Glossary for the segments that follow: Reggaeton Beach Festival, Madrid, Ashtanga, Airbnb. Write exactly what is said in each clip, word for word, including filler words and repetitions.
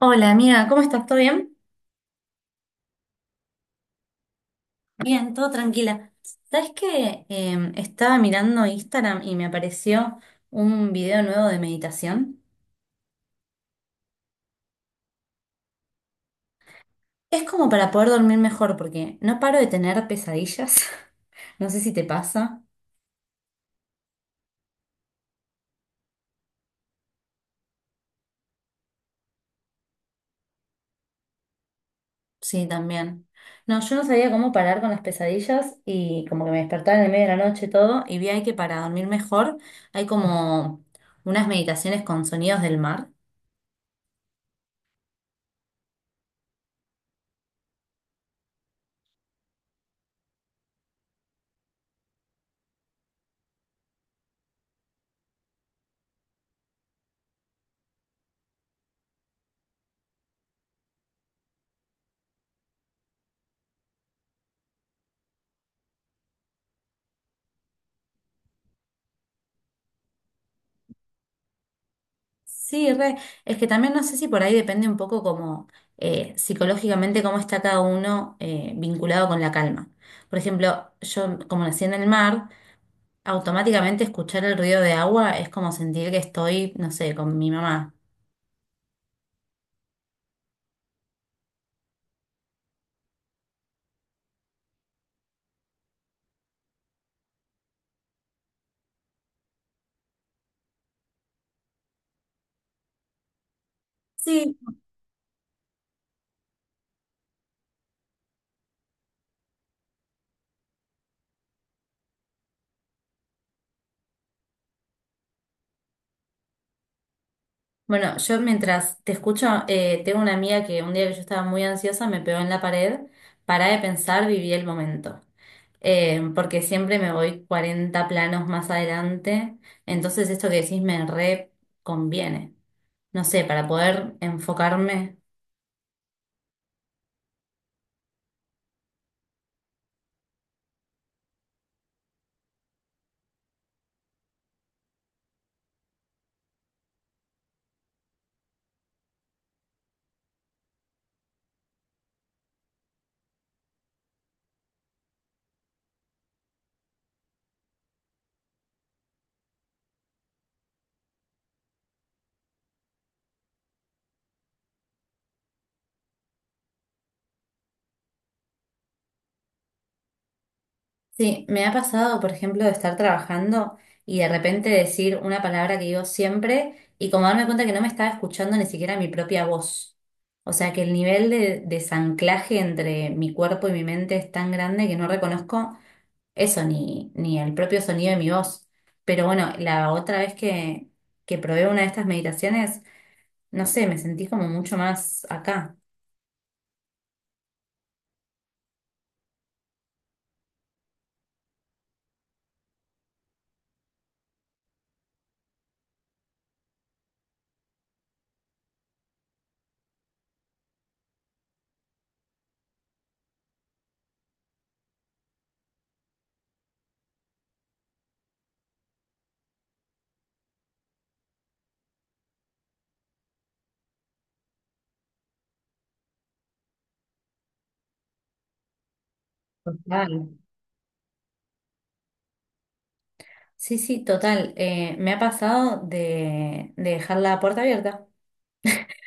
Hola amiga, ¿cómo estás? ¿Todo bien? Bien, todo tranquila. ¿Sabes qué? Em, estaba mirando Instagram y me apareció un video nuevo de meditación. Es como para poder dormir mejor porque no paro de tener pesadillas. No sé si te pasa. Sí, también. No, yo no sabía cómo parar con las pesadillas y como que me despertaba en el medio de la noche y todo y vi ahí que para dormir mejor hay como unas meditaciones con sonidos del mar. Sí, re. Es que también no sé si por ahí depende un poco como eh, psicológicamente cómo está cada uno, eh, vinculado con la calma. Por ejemplo, yo como nací en el mar, automáticamente escuchar el ruido de agua es como sentir que estoy, no sé, con mi mamá. Sí. Bueno, yo mientras te escucho, eh, tengo una amiga que un día que yo estaba muy ansiosa me pegó en la pared, pará de pensar, viví el momento. Eh, porque siempre me voy cuarenta planos más adelante, entonces esto que decís me re conviene. No sé, para poder enfocarme. Sí, me ha pasado, por ejemplo, de estar trabajando y de repente decir una palabra que digo siempre y como darme cuenta que no me estaba escuchando ni siquiera mi propia voz. O sea que el nivel de desanclaje entre mi cuerpo y mi mente es tan grande que no reconozco eso, ni, ni el propio sonido de mi voz. Pero bueno, la otra vez que, que probé una de estas meditaciones, no sé, me sentí como mucho más acá. Total. Sí, sí, total. Eh, me ha pasado de de dejar la puerta abierta.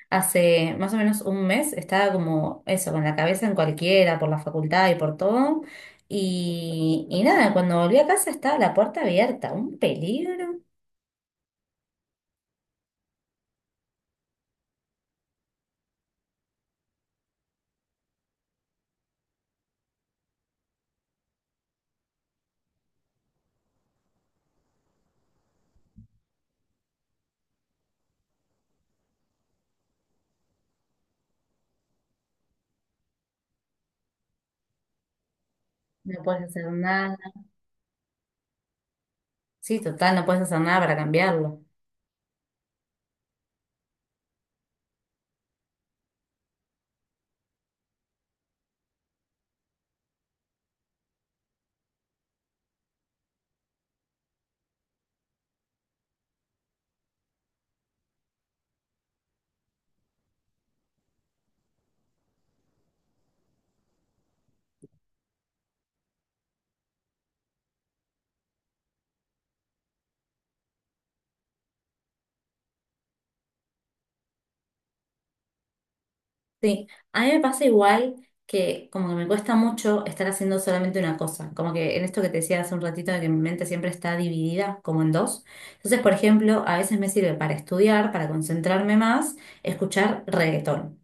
Hace más o menos un mes estaba como eso, con la cabeza en cualquiera, por la facultad y por todo. Y, y nada, cuando volví a casa estaba la puerta abierta, un peligro. No puedes hacer nada. Sí, total, no puedes hacer nada para cambiarlo. Sí, a mí me pasa igual que como que me cuesta mucho estar haciendo solamente una cosa. Como que en esto que te decía hace un ratito de que mi mente siempre está dividida como en dos. Entonces, por ejemplo, a veces me sirve para estudiar, para concentrarme más, escuchar reggaetón.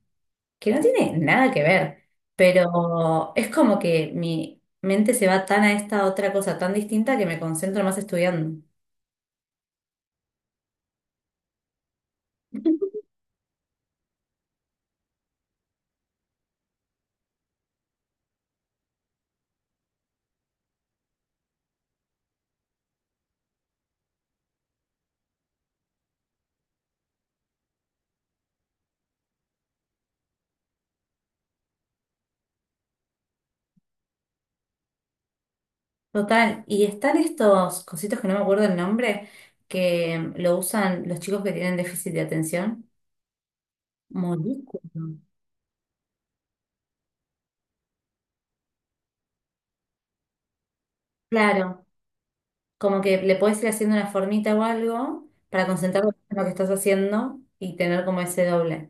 Que no tiene nada que ver, pero es como que mi mente se va tan a esta otra cosa tan distinta que me concentro más estudiando. Total, y están estos cositos que no me acuerdo el nombre, que lo usan los chicos que tienen déficit de atención. Molículo. Claro, como que le puedes ir haciendo una formita o algo para concentrarte en lo que estás haciendo y tener como ese doble.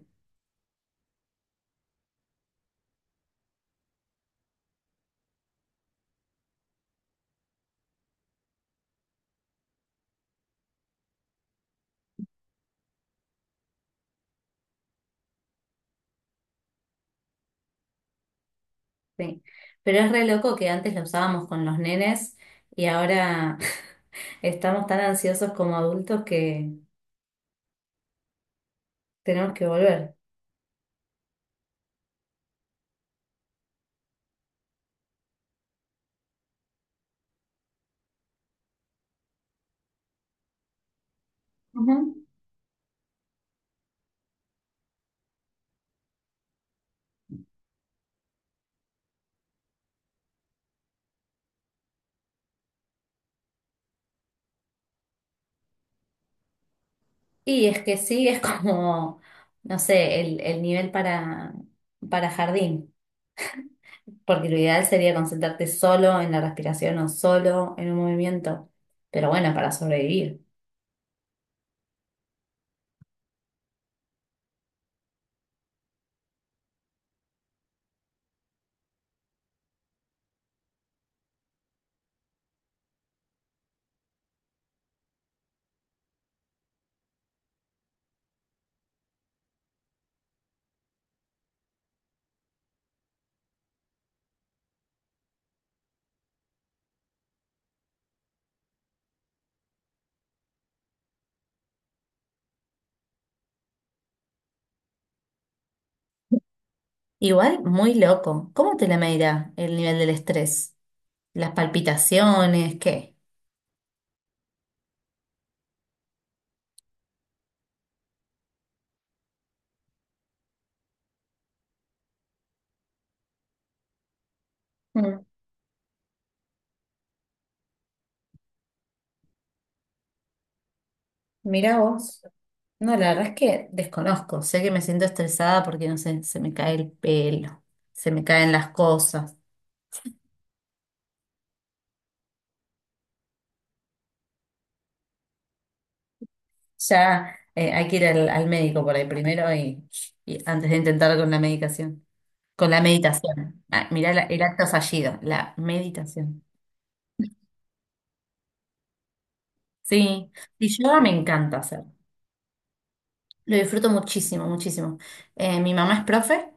Sí, pero es re loco que antes lo usábamos con los nenes y ahora estamos tan ansiosos como adultos que tenemos que volver. Ujú. Y es que sí, es como, no sé, el, el nivel para, para jardín, porque lo ideal sería concentrarte solo en la respiración o solo en un movimiento, pero bueno, para sobrevivir. Igual, muy loco. ¿Cómo te la medirá el nivel del estrés? ¿Las palpitaciones? ¿Qué? Mm, mira vos. No, la verdad es que desconozco. Sé que me siento estresada porque, no sé, se me cae el pelo, se me caen las cosas. Ya, eh, hay que ir al, al médico por ahí primero y, y antes de intentar con la medicación. Con la meditación. Ah, mirá la- el acto fallido, la meditación. Sí, y yo me encanta hacer. Lo disfruto muchísimo, muchísimo. Eh, mi mamá es profe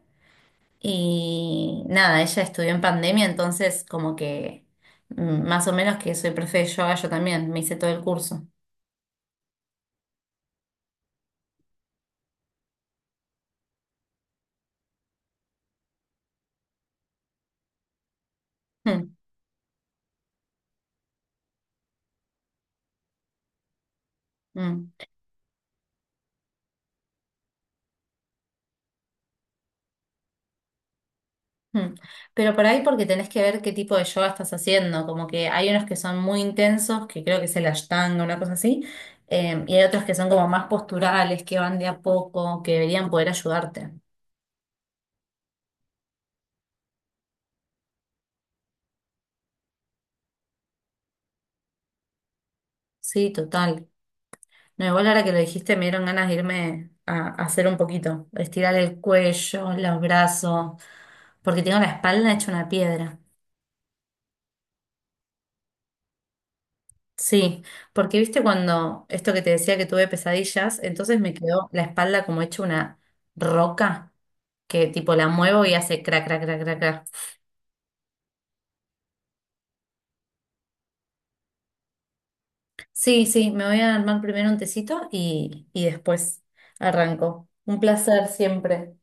y nada, ella estudió en pandemia, entonces como que mm, más o menos que soy profe de yoga, yo también me hice todo el curso. Mm, mm, mm. Pero por ahí porque tenés que ver qué tipo de yoga estás haciendo, como que hay unos que son muy intensos, que creo que es el Ashtanga, una cosa así, eh, y hay otros que son como más posturales, que van de a poco, que deberían poder ayudarte. Sí, total. No, igual ahora que lo dijiste me dieron ganas de irme a, a hacer un poquito, estirar el cuello, los brazos, porque tengo la espalda hecha una piedra. Sí, porque viste cuando esto que te decía que tuve pesadillas, entonces me quedó la espalda como hecha una roca que tipo la muevo y hace crac, crac, crac, crac, crac. Sí, sí, me voy a armar primero un tecito y, y después arranco. Un placer siempre.